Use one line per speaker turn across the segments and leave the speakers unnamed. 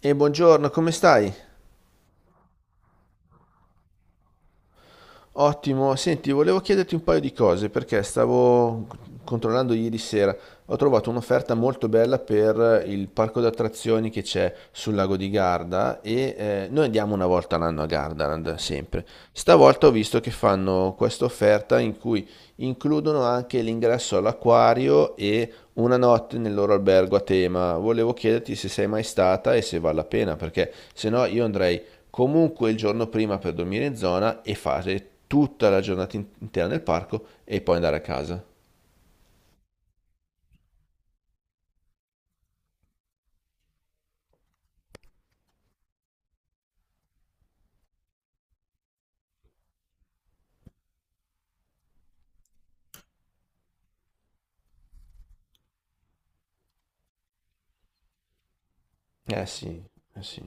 E buongiorno, come stai? Ottimo, senti, volevo chiederti un paio di cose perché stavo controllando ieri sera, ho trovato un'offerta molto bella per il parco d'attrazioni che c'è sul lago di Garda e noi andiamo una volta all'anno a Gardaland, sempre. Stavolta ho visto che fanno questa offerta in cui includono anche l'ingresso all'acquario e una notte nel loro albergo a tema. Volevo chiederti se sei mai stata e se vale la pena, perché se no io andrei comunque il giorno prima per dormire in zona e fare tutta la giornata intera nel parco e poi andare a casa. Eh sì, eh sì.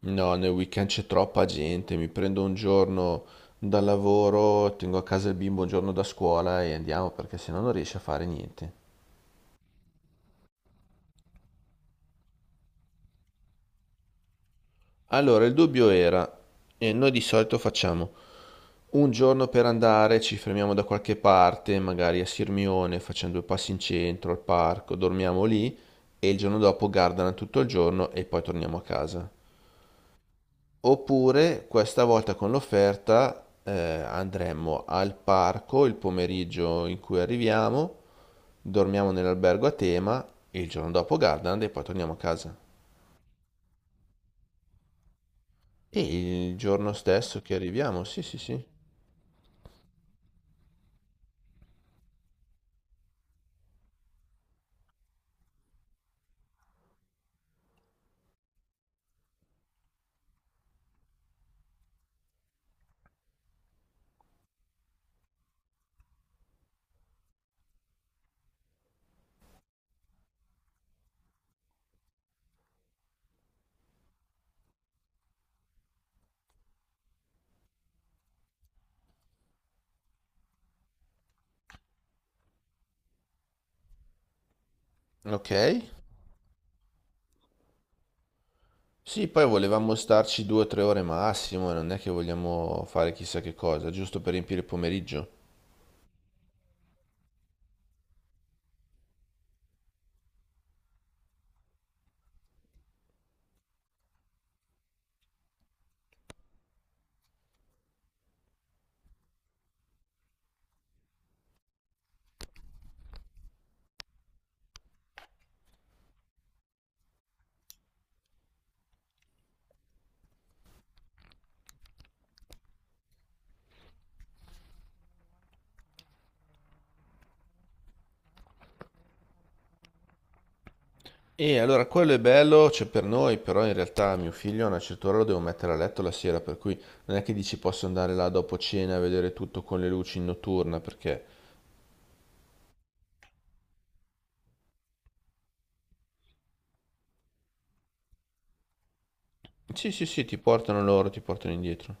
No, nel weekend c'è troppa gente, mi prendo un giorno dal lavoro, tengo a casa il bimbo un giorno da scuola e andiamo perché sennò non riesci a fare niente. Allora, il dubbio era, e noi di solito facciamo un giorno per andare, ci fermiamo da qualche parte, magari a Sirmione, facciamo due passi in centro, al parco, dormiamo lì e il giorno dopo Gardaland tutto il giorno e poi torniamo a casa. Oppure, questa volta con l'offerta, andremmo al parco il pomeriggio in cui arriviamo, dormiamo nell'albergo a tema e il giorno dopo Gardaland e poi torniamo a casa. E il giorno stesso che arriviamo, sì, sì, sì. Ok? Sì, poi volevamo starci due o tre ore massimo, non è che vogliamo fare chissà che cosa, giusto per riempire il pomeriggio. E allora quello è bello, c'è per noi, però in realtà mio figlio a una certa ora lo devo mettere a letto la sera, per cui non è che dici posso andare là dopo cena a vedere tutto con le luci in notturna, perché... Sì, sì, sì, ti portano loro, ti portano indietro.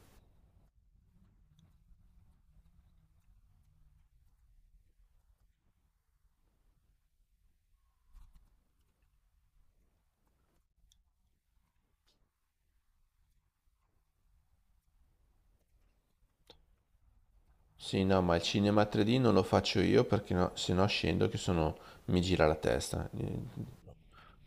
Sì, no, ma il cinema 3D non lo faccio io perché no, se no scendo che sono... mi gira la testa.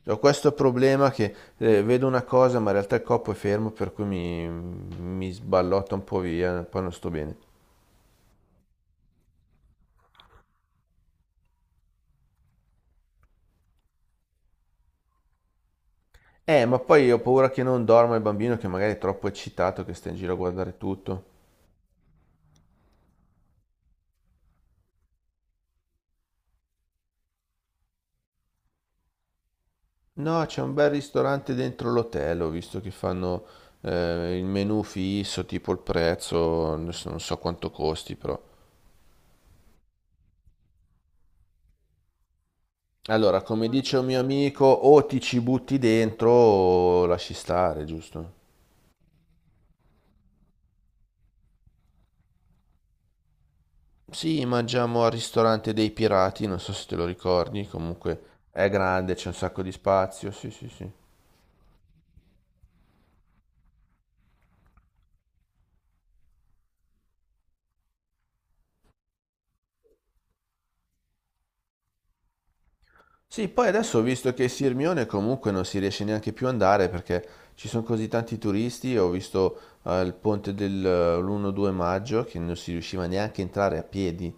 Ho questo problema che vedo una cosa, ma in realtà il corpo è fermo, per cui mi sballotta un po' via, poi non sto bene. Ma poi ho paura che non dorma il bambino, che magari è troppo eccitato, che sta in giro a guardare tutto. No, c'è un bel ristorante dentro l'hotel, ho visto che fanno il menù fisso, tipo il prezzo, adesso non so quanto costi, però. Allora, come dice un mio amico, o ti ci butti dentro o lasci stare, giusto? Sì, mangiammo al ristorante dei pirati, non so se te lo ricordi, comunque è grande, c'è un sacco di spazio, sì, sì, sì. Sì, poi adesso ho visto che Sirmione comunque non si riesce neanche più ad andare perché ci sono così tanti turisti, ho visto il ponte dell'1-2 maggio che non si riusciva neanche a entrare a piedi.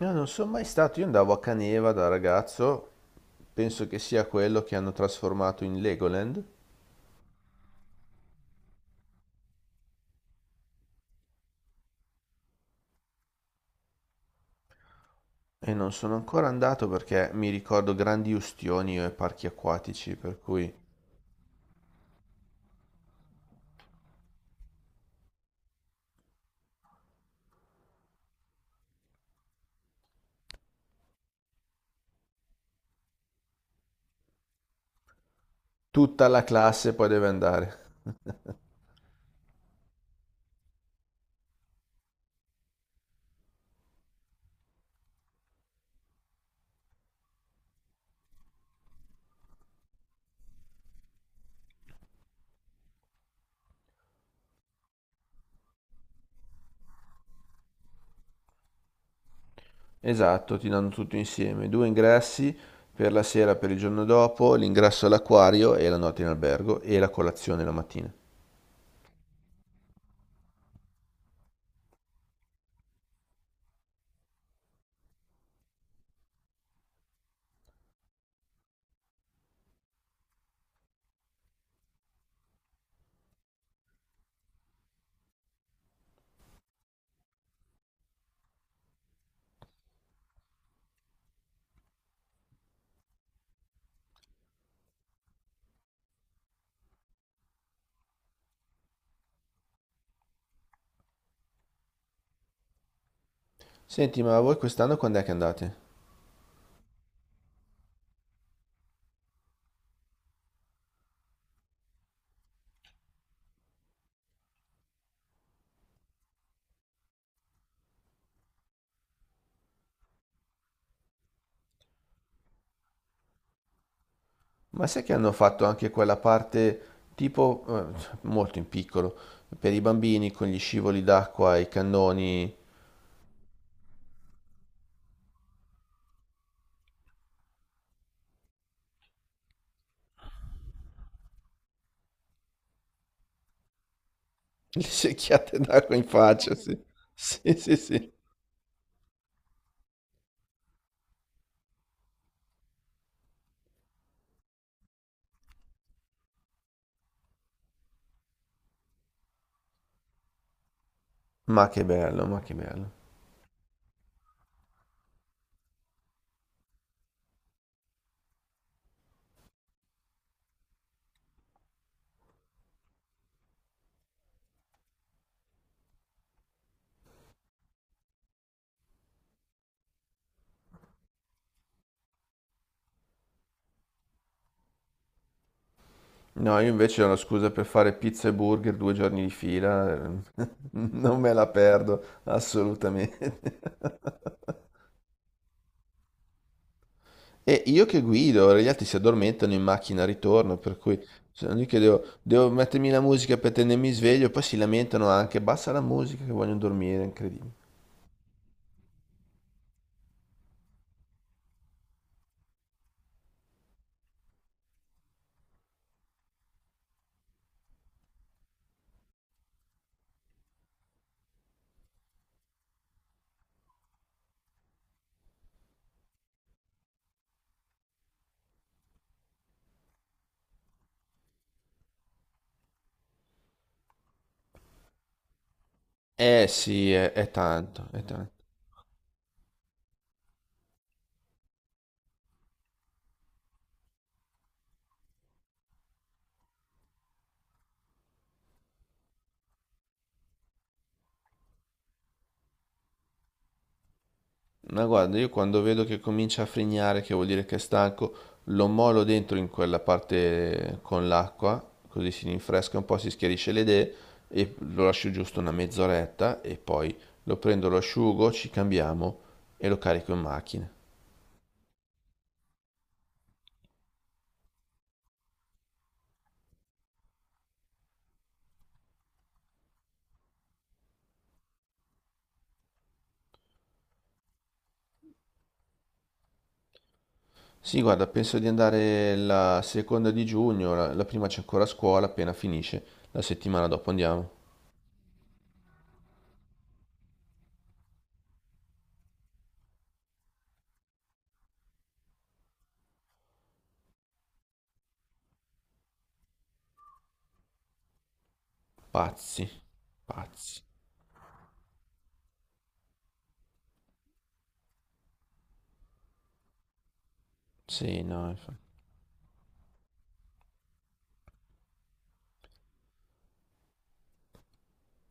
Io non sono mai stato, io andavo a Caneva da ragazzo, penso che sia quello che hanno trasformato in Legoland. E non sono ancora andato perché mi ricordo grandi ustioni e parchi acquatici, per cui tutta la classe poi deve andare. Esatto, ti danno tutto insieme, due ingressi per la sera, per il giorno dopo, l'ingresso all'acquario e la notte in albergo e la colazione la mattina. Senti, ma voi quest'anno quando è che andate? Ma sai che hanno fatto anche quella parte tipo molto in piccolo per i bambini con gli scivoli d'acqua, i cannoni. Le secchiate d'acqua in faccia, sì. Sì, sì, sì. Ma che bello, ma che bello. No, io invece ho una scusa per fare pizza e burger due giorni di fila, non me la perdo assolutamente. E io che guido, ora gli altri si addormentano in macchina al ritorno, per cui sono lì che devo mettermi la musica per tenermi sveglio, poi si lamentano anche, basta la musica che vogliono dormire, è incredibile. Eh sì, è tanto, è tanto. Ma guarda, io quando vedo che comincia a frignare, che vuol dire che è stanco, lo molo dentro in quella parte con l'acqua, così si rinfresca un po', si schiarisce le idee e lo lascio giusto una mezz'oretta e poi lo prendo, lo asciugo, ci cambiamo e lo carico in macchina. Sì, guarda, penso di andare la seconda di giugno, la prima c'è ancora a scuola, appena finisce, la settimana dopo andiamo. Pazzi, pazzi. Sì, no, infatti.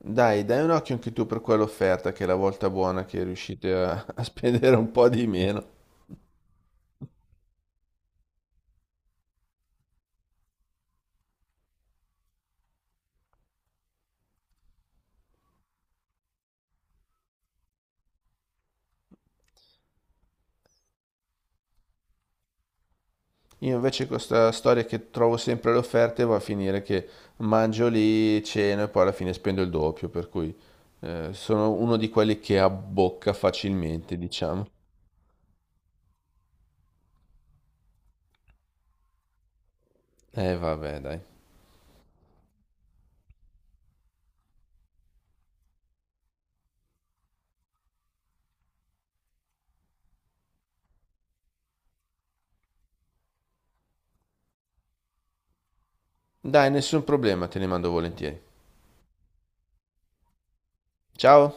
Dai, dai un occhio anche tu per quell'offerta che è la volta buona che riuscite a, a spendere un po' di meno. Io invece con questa storia che trovo sempre le offerte va a finire che mangio lì, ceno e poi alla fine spendo il doppio, per cui sono uno di quelli che abbocca facilmente, diciamo. Eh vabbè, dai. Dai, nessun problema, te ne mando volentieri. Ciao!